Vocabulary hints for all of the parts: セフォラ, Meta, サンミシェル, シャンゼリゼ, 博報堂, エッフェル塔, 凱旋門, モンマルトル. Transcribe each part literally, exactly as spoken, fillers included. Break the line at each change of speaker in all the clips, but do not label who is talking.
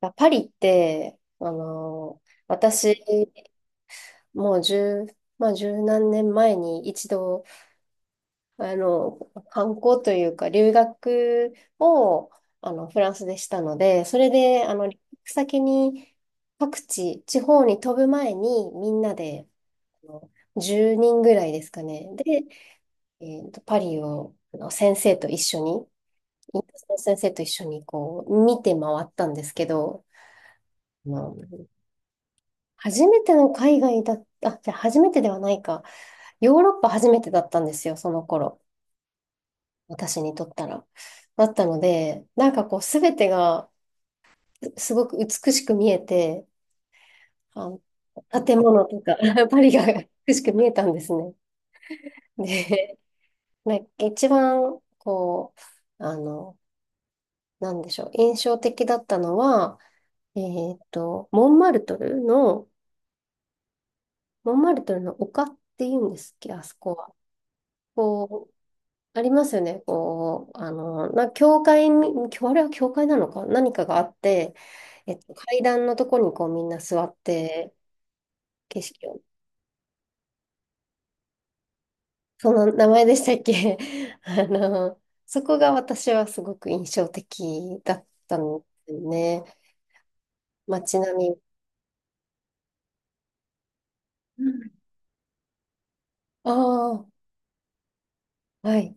あパリって、あの私、もう十、まあ、十何年前に一度、あの、観光というか、留学を、あの、フランスでしたので、それで、あの、留学先に、各地、地方に飛ぶ前に、みんなで、あの、じゅうにんぐらいですかね。で、えーと、パリを、あの、先生と一緒に、インドの先生と一緒に、こう、見て回ったんですけど、まあ初めての海外だ、あ、じゃあ初めてではないか。ヨーロッパ初めてだったんですよ、その頃。私にとったら。だったので、なんかこう、すべてがすごく美しく見えて、あの、建物とか、パリが美しく見えたんですね。で、なんか一番、こう、あの、なんでしょう、印象的だったのは、えーっと、モンマルトルの、モンマルトルの丘っていうんですっけ、あそこは。こありますよね。こう、あの、な、教会に、教あれは教会なのか、何かがあって、えっと、階段のとこにこうみんな座って、景色を、その名前でしたっけ。 あの、そこが私はすごく印象的だったんですよね。街並み。ああー、はい。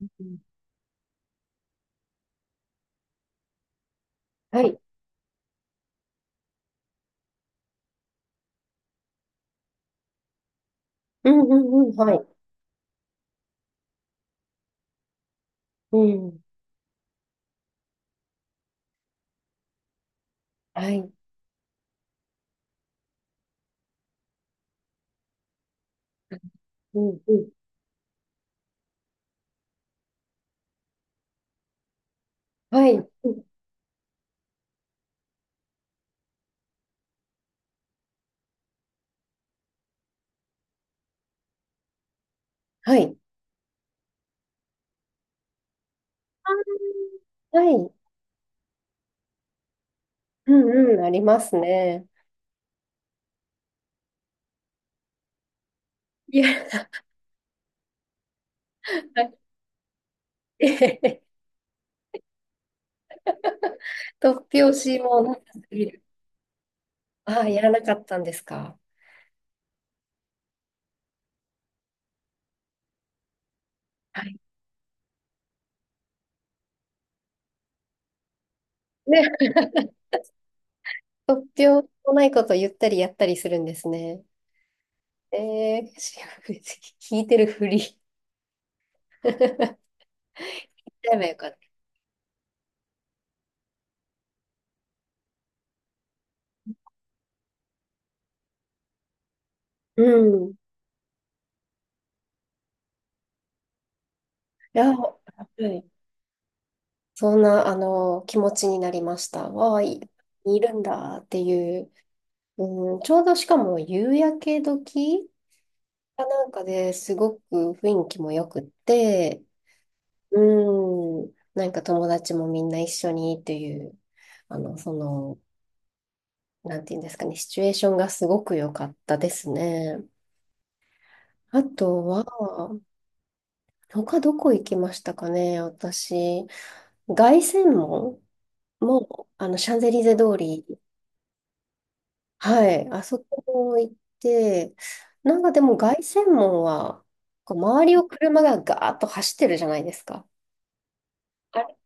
うんはい。うんうんうん。はい。うん。はい。うんうん。はい。うんはい。あーはい。うんうん。ありますね。いや。 はい。えへへ、突拍子もなさすぎる。ああ、やらなかったんですか。はい。ね、突拍子もないことを言ったりやったりするんですね。ええーし。 聞いてるふり。やればよかった。うん。いや、はい。そんな、あの、気持ちになりました。わあ、い、いるんだっていう。うん、ちょうどしかも夕焼け時かなんかですごく雰囲気も良くって、うん。なんか友達もみんな一緒にっていう、あの、その、なんていうんですかね、シチュエーションがすごく良かったですね。あとは、他どこ行きましたかね、私。凱旋門も、あの、シャンゼリゼ通り、はい、あそこも行って、なんかでも凱旋門は、こう周りを車がガーッと走ってるじゃないですか。あれ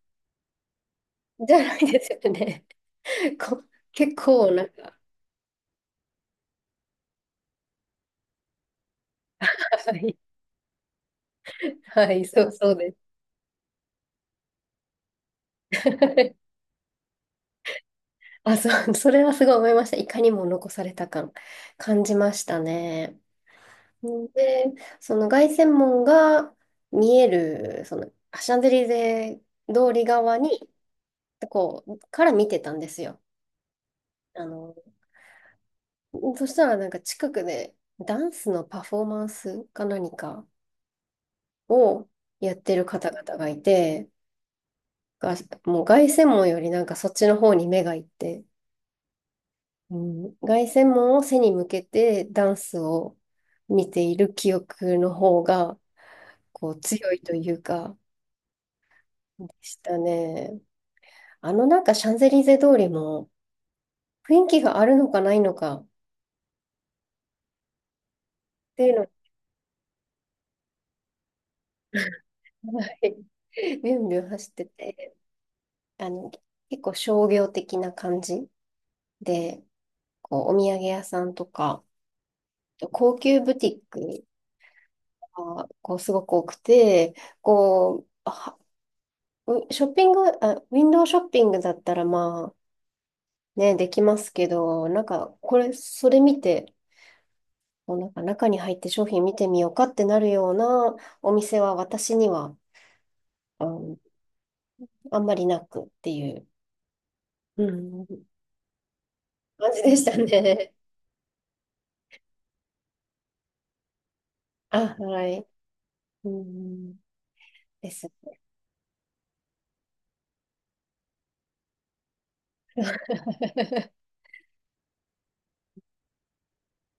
じゃないですよね。こう結構なんか、はいはい、そう、そうです。あ、そう。それはすごい思いました。いかにも残された感、感じましたね。で、その凱旋門が見える、その、シャンゼリゼ通り側に、こう、から見てたんですよ。あの、そしたらなんか近くでダンスのパフォーマンスか何かをやってる方々がいて、が、もう凱旋門よりなんかそっちの方に目がいって、うん、凱旋門を背に向けてダンスを見ている記憶の方がこう強いというかでしたね。あのなんかシャンゼリゼ通りも雰囲気があるのかないのかっていうのが、はい、ビュンビュン走ってて、あの結構商業的な感じでこうお土産屋さんとか高級ブティックがこうすごく多くてこうはうショッピング、あ、ウィンドウショッピングだったらまあね、できますけど、なんかこれ、それ見て、もうなんか中に入って商品見てみようかってなるようなお店は私には、あの、あんまりなくっていう、うん、感じでしたね。あ、はい。うん、ですね。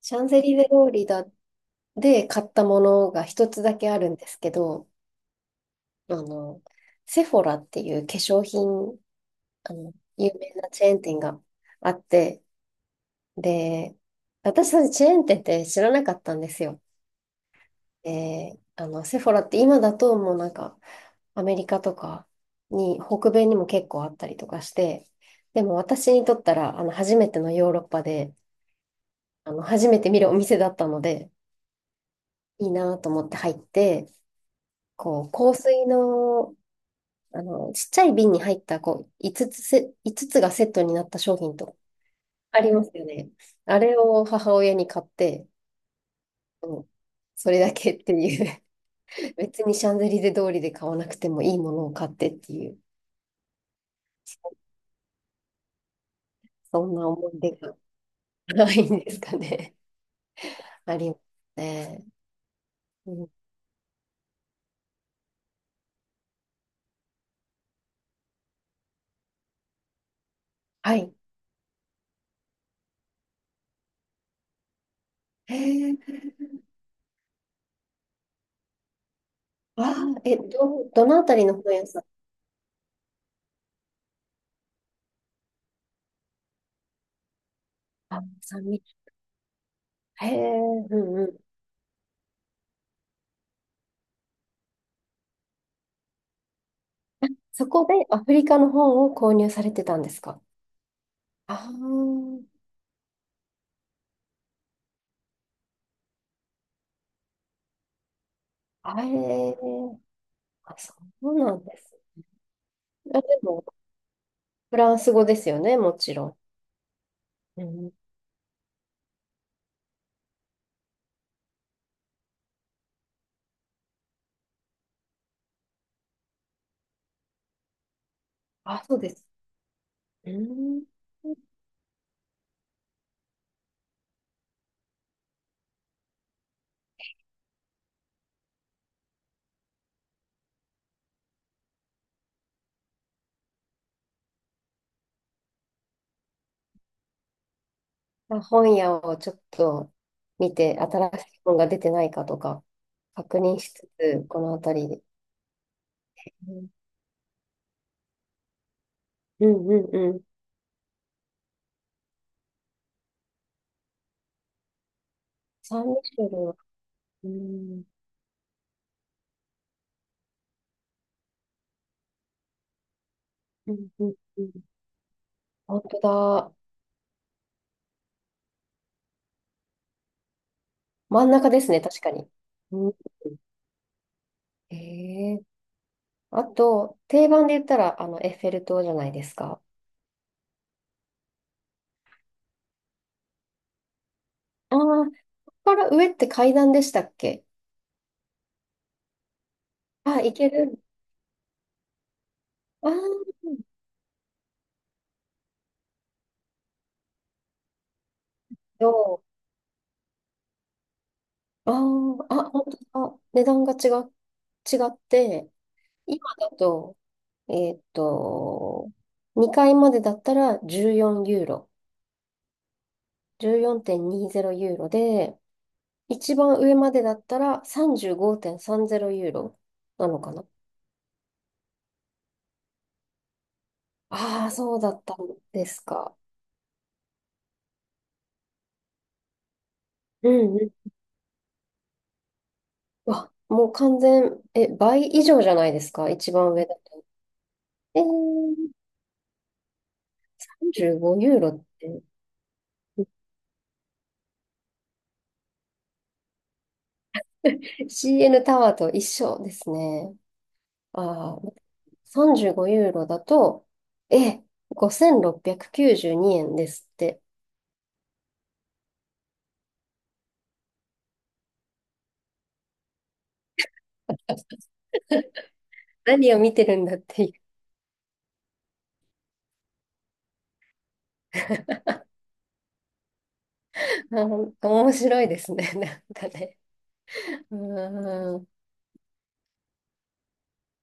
シャンゼリゼ通りだで買ったものが一つだけあるんですけど、あの、セフォラっていう化粧品あの、有名なチェーン店があって、で、私たちチェーン店って知らなかったんですよ。で、あの、セフォラって今だともうなんか、アメリカとかに、北米にも結構あったりとかして、でも私にとったら、あの、初めてのヨーロッパで、あの、初めて見るお店だったので、いいなと思って入って、こう、香水の、あの、ちっちゃい瓶に入った、こう、5つつせ、いつつつがセットになった商品とありますよね。あれを母親に買って、うん、それだけっていう。 別にシャンゼリゼ通りで買わなくてもいいものを買ってっていう、そんな思い出が ないんですかね。ありますね。うん、はい。へえ。わあ、え、ど、どのあたりの本屋さん？あ、三味。へえ、うんうん。そこでアフリカの本を購入されてたんですか？ああー、あれ、あ、そうなんです。あ、でも、フランス語ですよね、もちろん。うん。あ、そうです。うん。まあ、本屋をちょっと見て、新しい本が出てないかとか、確認しつつ、この辺りで。うんうんうんうん。サンミシェルは、うん、うんうんうん。本当だ。真ん中ですね、確かに。うん、へえ、あと、定番で言ったら、あの、エッフェル塔じゃないですか。ああ、ここから上って階段でしたっけ？あ、行ける。ああ、どうあああ、本当だ。値段が違う、違って、今だと、えっと、にかいまでだったらじゅうよんユーロ、じゅうよんてんにじゅうユーロで、一番上までだったらさんじゅうごてんさんじゅうユーロなのかな。ああ、そうだったんですか。うんうん。わ、もう完全、え、倍以上じゃないですか、一番上だと。えー、さんじゅうごユーロって シーエヌ タワーと一緒ですね。ああ、さんじゅうごユーロだと、え、ごせんろっぴゃくきゅうじゅうにえんですって。何を見てるんだっていう。あー面白いですね。なんかね。うーん。